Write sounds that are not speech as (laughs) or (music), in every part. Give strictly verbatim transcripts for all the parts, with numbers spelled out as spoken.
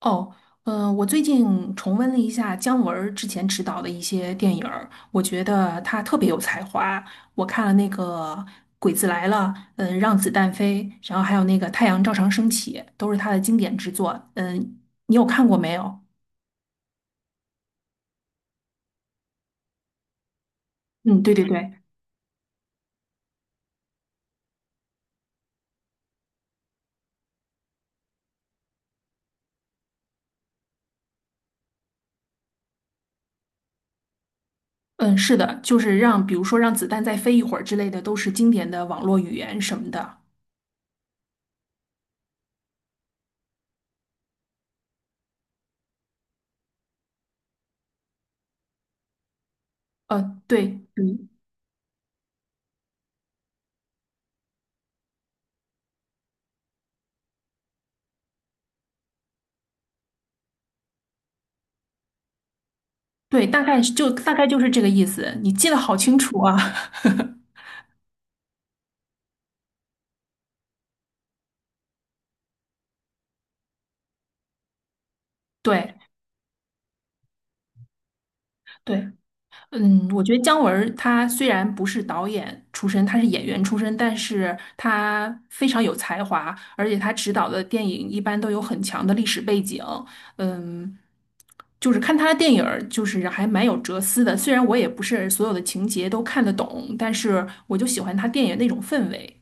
哦，嗯、我最近重温了一下姜文儿之前执导的一些电影儿，我觉得他特别有才华。我看了那个《鬼子来了》，嗯，《让子弹飞》，然后还有那个《太阳照常升起》，都是他的经典之作。嗯，你有看过没有？嗯，对对对，嗯，是的，就是让，比如说让子弹再飞一会儿之类的，都是经典的网络语言什么的。呃，对，嗯，对，大概就大概就是这个意思。你记得好清楚啊。(laughs) 对。对，嗯，我觉得姜文儿他虽然不是导演出身，他是演员出身，但是他非常有才华，而且他执导的电影一般都有很强的历史背景。嗯，就是看他的电影儿，就是还蛮有哲思的。虽然我也不是所有的情节都看得懂，但是我就喜欢他电影那种氛围。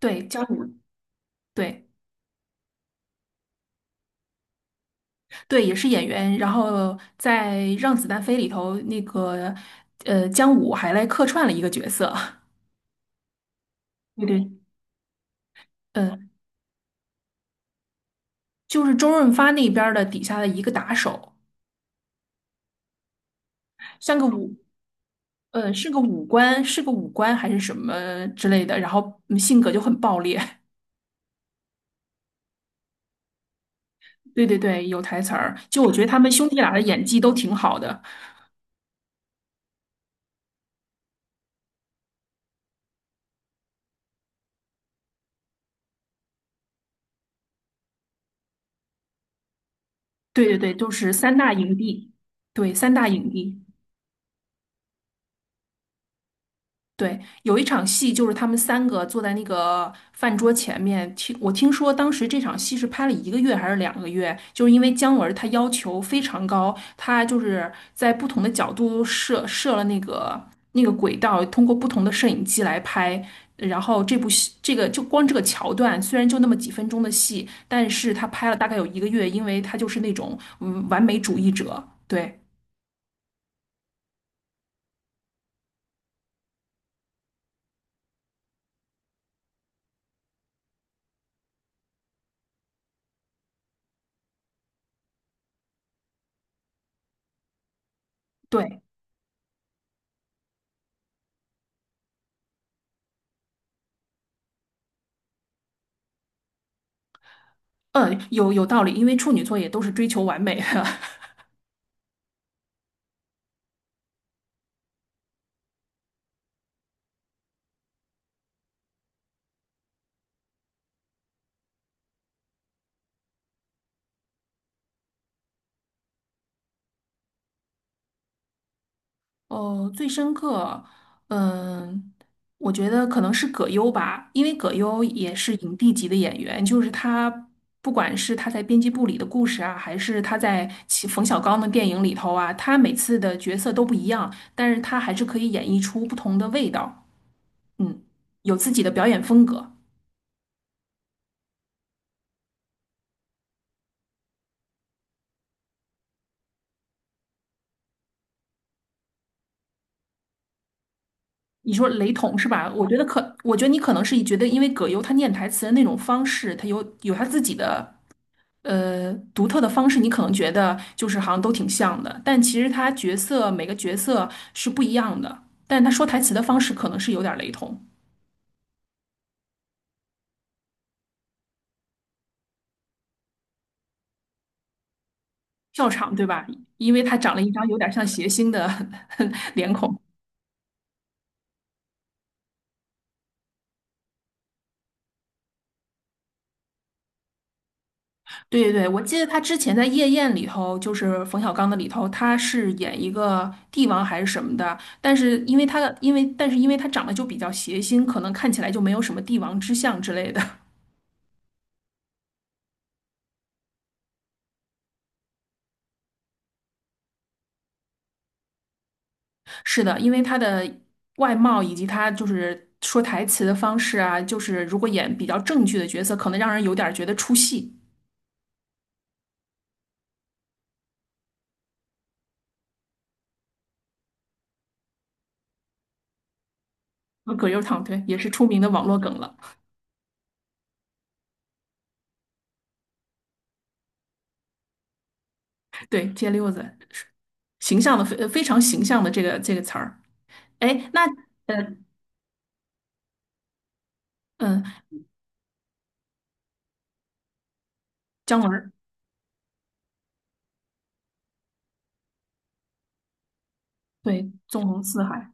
对，姜武，对对，也是演员。然后在《让子弹飞》里头，那个呃，姜武还来客串了一个角色。(laughs) 对对。嗯，就是周润发那边儿的底下的一个打手，像个武，呃，是个武官，是个武官还是什么之类的，然后嗯性格就很暴烈。(laughs) 对对对，有台词儿。就我觉得他们兄弟俩的演技都挺好的。对对对，就是三大影帝。对，三大影帝。对，有一场戏就是他们三个坐在那个饭桌前面，听我听说当时这场戏是拍了一个月还是两个月，就是因为姜文他要求非常高，他就是在不同的角度设设了那个那个轨道，通过不同的摄影机来拍。然后这部戏，这个就光这个桥段，虽然就那么几分钟的戏，但是他拍了大概有一个月，因为他就是那种嗯完美主义者，对对，嗯，有有道理，因为处女座也都是追求完美的。(laughs) 哦，最深刻，嗯，我觉得可能是葛优吧，因为葛优也是影帝级的演员，就是他，不管是他在《编辑部》里的故事啊，还是他在其冯小刚的电影里头啊，他每次的角色都不一样，但是他还是可以演绎出不同的味道，嗯，有自己的表演风格。你说雷同是吧？我觉得可，我觉得你可能是觉得，因为葛优他念台词的那种方式，他有有他自己的。呃独特的方式，你可能觉得就是好像都挺像的，但其实他角色每个角色是不一样的，但他说台词的方式可能是有点儿雷同。笑场，对吧？因为他长了一张有点像谐星的 (laughs) 脸孔。对对对，我记得他之前在《夜宴》里头，就是冯小刚的里头，他是演一个帝王还是什么的，但是因为他因为但是因为他长得就比较谐星，可能看起来就没有什么帝王之相之类的。是的，因为他的外貌以及他就是说台词的方式啊，就是如果演比较正剧的角色，可能让人有点儿觉得出戏。葛优躺，对，也是出名的网络梗了。对，街溜子，形象的非非常形象的这个这个词儿。哎，那呃嗯，姜文儿，对，纵横四海，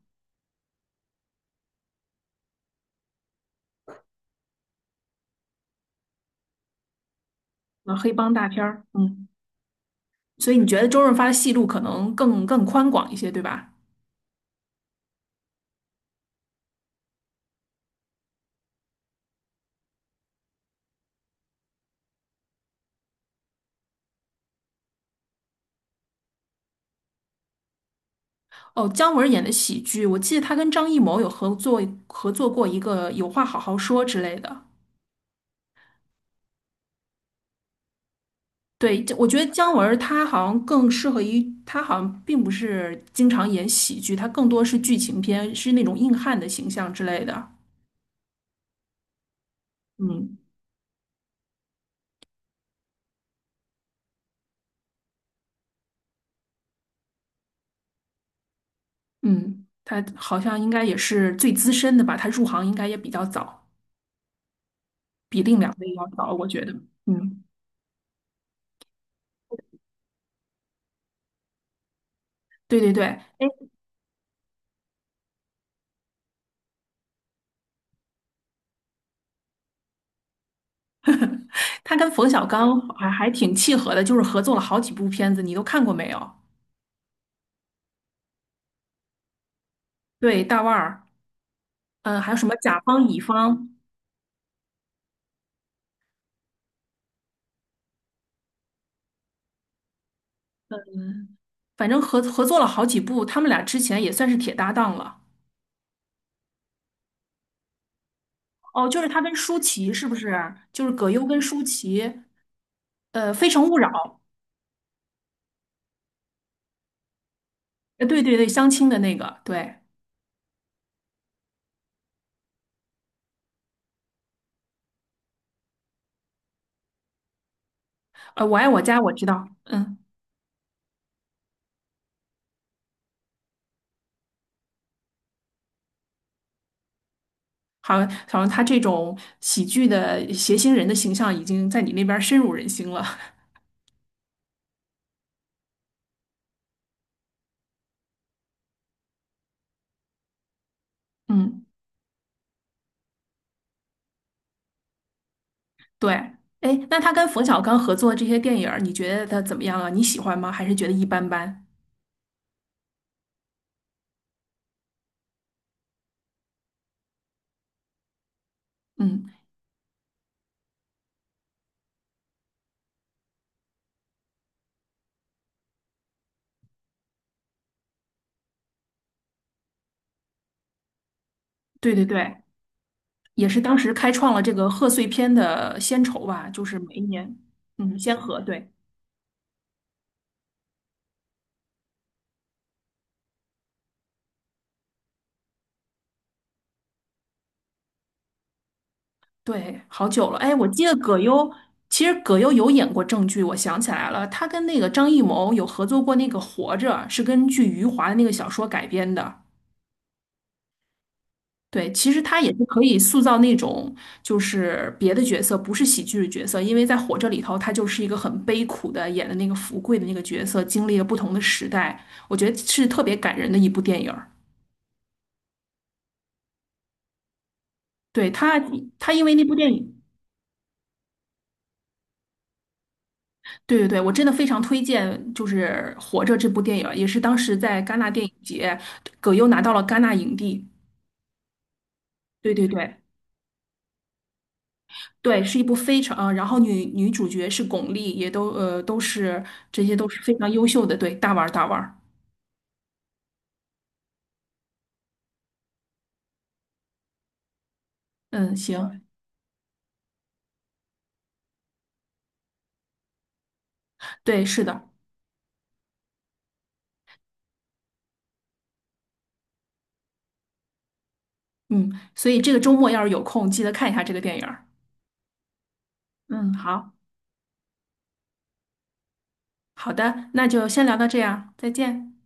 呃，黑帮大片儿，嗯，所以你觉得周润发的戏路可能更更宽广一些，对吧？哦，姜文演的喜剧，我记得他跟张艺谋有合作合作过一个《有话好好说》之类的。对，这我觉得姜文他好像更适合于，他好像并不是经常演喜剧，他更多是剧情片，是那种硬汉的形象之类的。嗯嗯，他好像应该也是最资深的吧，他入行应该也比较早，比另两位要早，我觉得。嗯，对对对，他跟冯小刚还还挺契合的，就是合作了好几部片子，你都看过没有？对，大腕儿。嗯，还有什么甲方乙方，反正合合作了好几部，他们俩之前也算是铁搭档了。哦，就是他跟舒淇是不是？就是葛优跟舒淇，呃，《非诚勿扰》，呃，对对对，相亲的那个，对，呃，《我爱我家》我知道，嗯，好像好像他这种喜剧的谐星人的形象已经在你那边深入人心了，(laughs) 嗯，对，哎，那他跟冯小刚合作这些电影儿你觉得他怎么样啊？你喜欢吗？还是觉得一般般？嗯，对对对。也是当时开创了这个贺岁片的先筹吧，就是每一年，嗯，先河，对对，好久了。哎，我记得葛优，其实葛优有演过正剧，我想起来了，他跟那个张艺谋有合作过那个《活着》，是根据余华的那个小说改编的。对，其实他也是可以塑造那种就是别的角色，不是喜剧的角色，因为在《活着》里头，他就是一个很悲苦的演的那个福贵的那个角色，经历了不同的时代，我觉得是特别感人的一部电影。对他，他因为那部电影，对对对，我真的非常推荐，就是《活着》这部电影，也是当时在戛纳电影节，葛优拿到了戛纳影帝。对对对对，是一部非常，呃，然后女女主角是巩俐，也都呃都是这些都是非常优秀的，对，大腕儿大腕儿。嗯，行，对，是的，嗯，所以这个周末要是有空，记得看一下这个电影儿。嗯，好好的，那就先聊到这样，再见。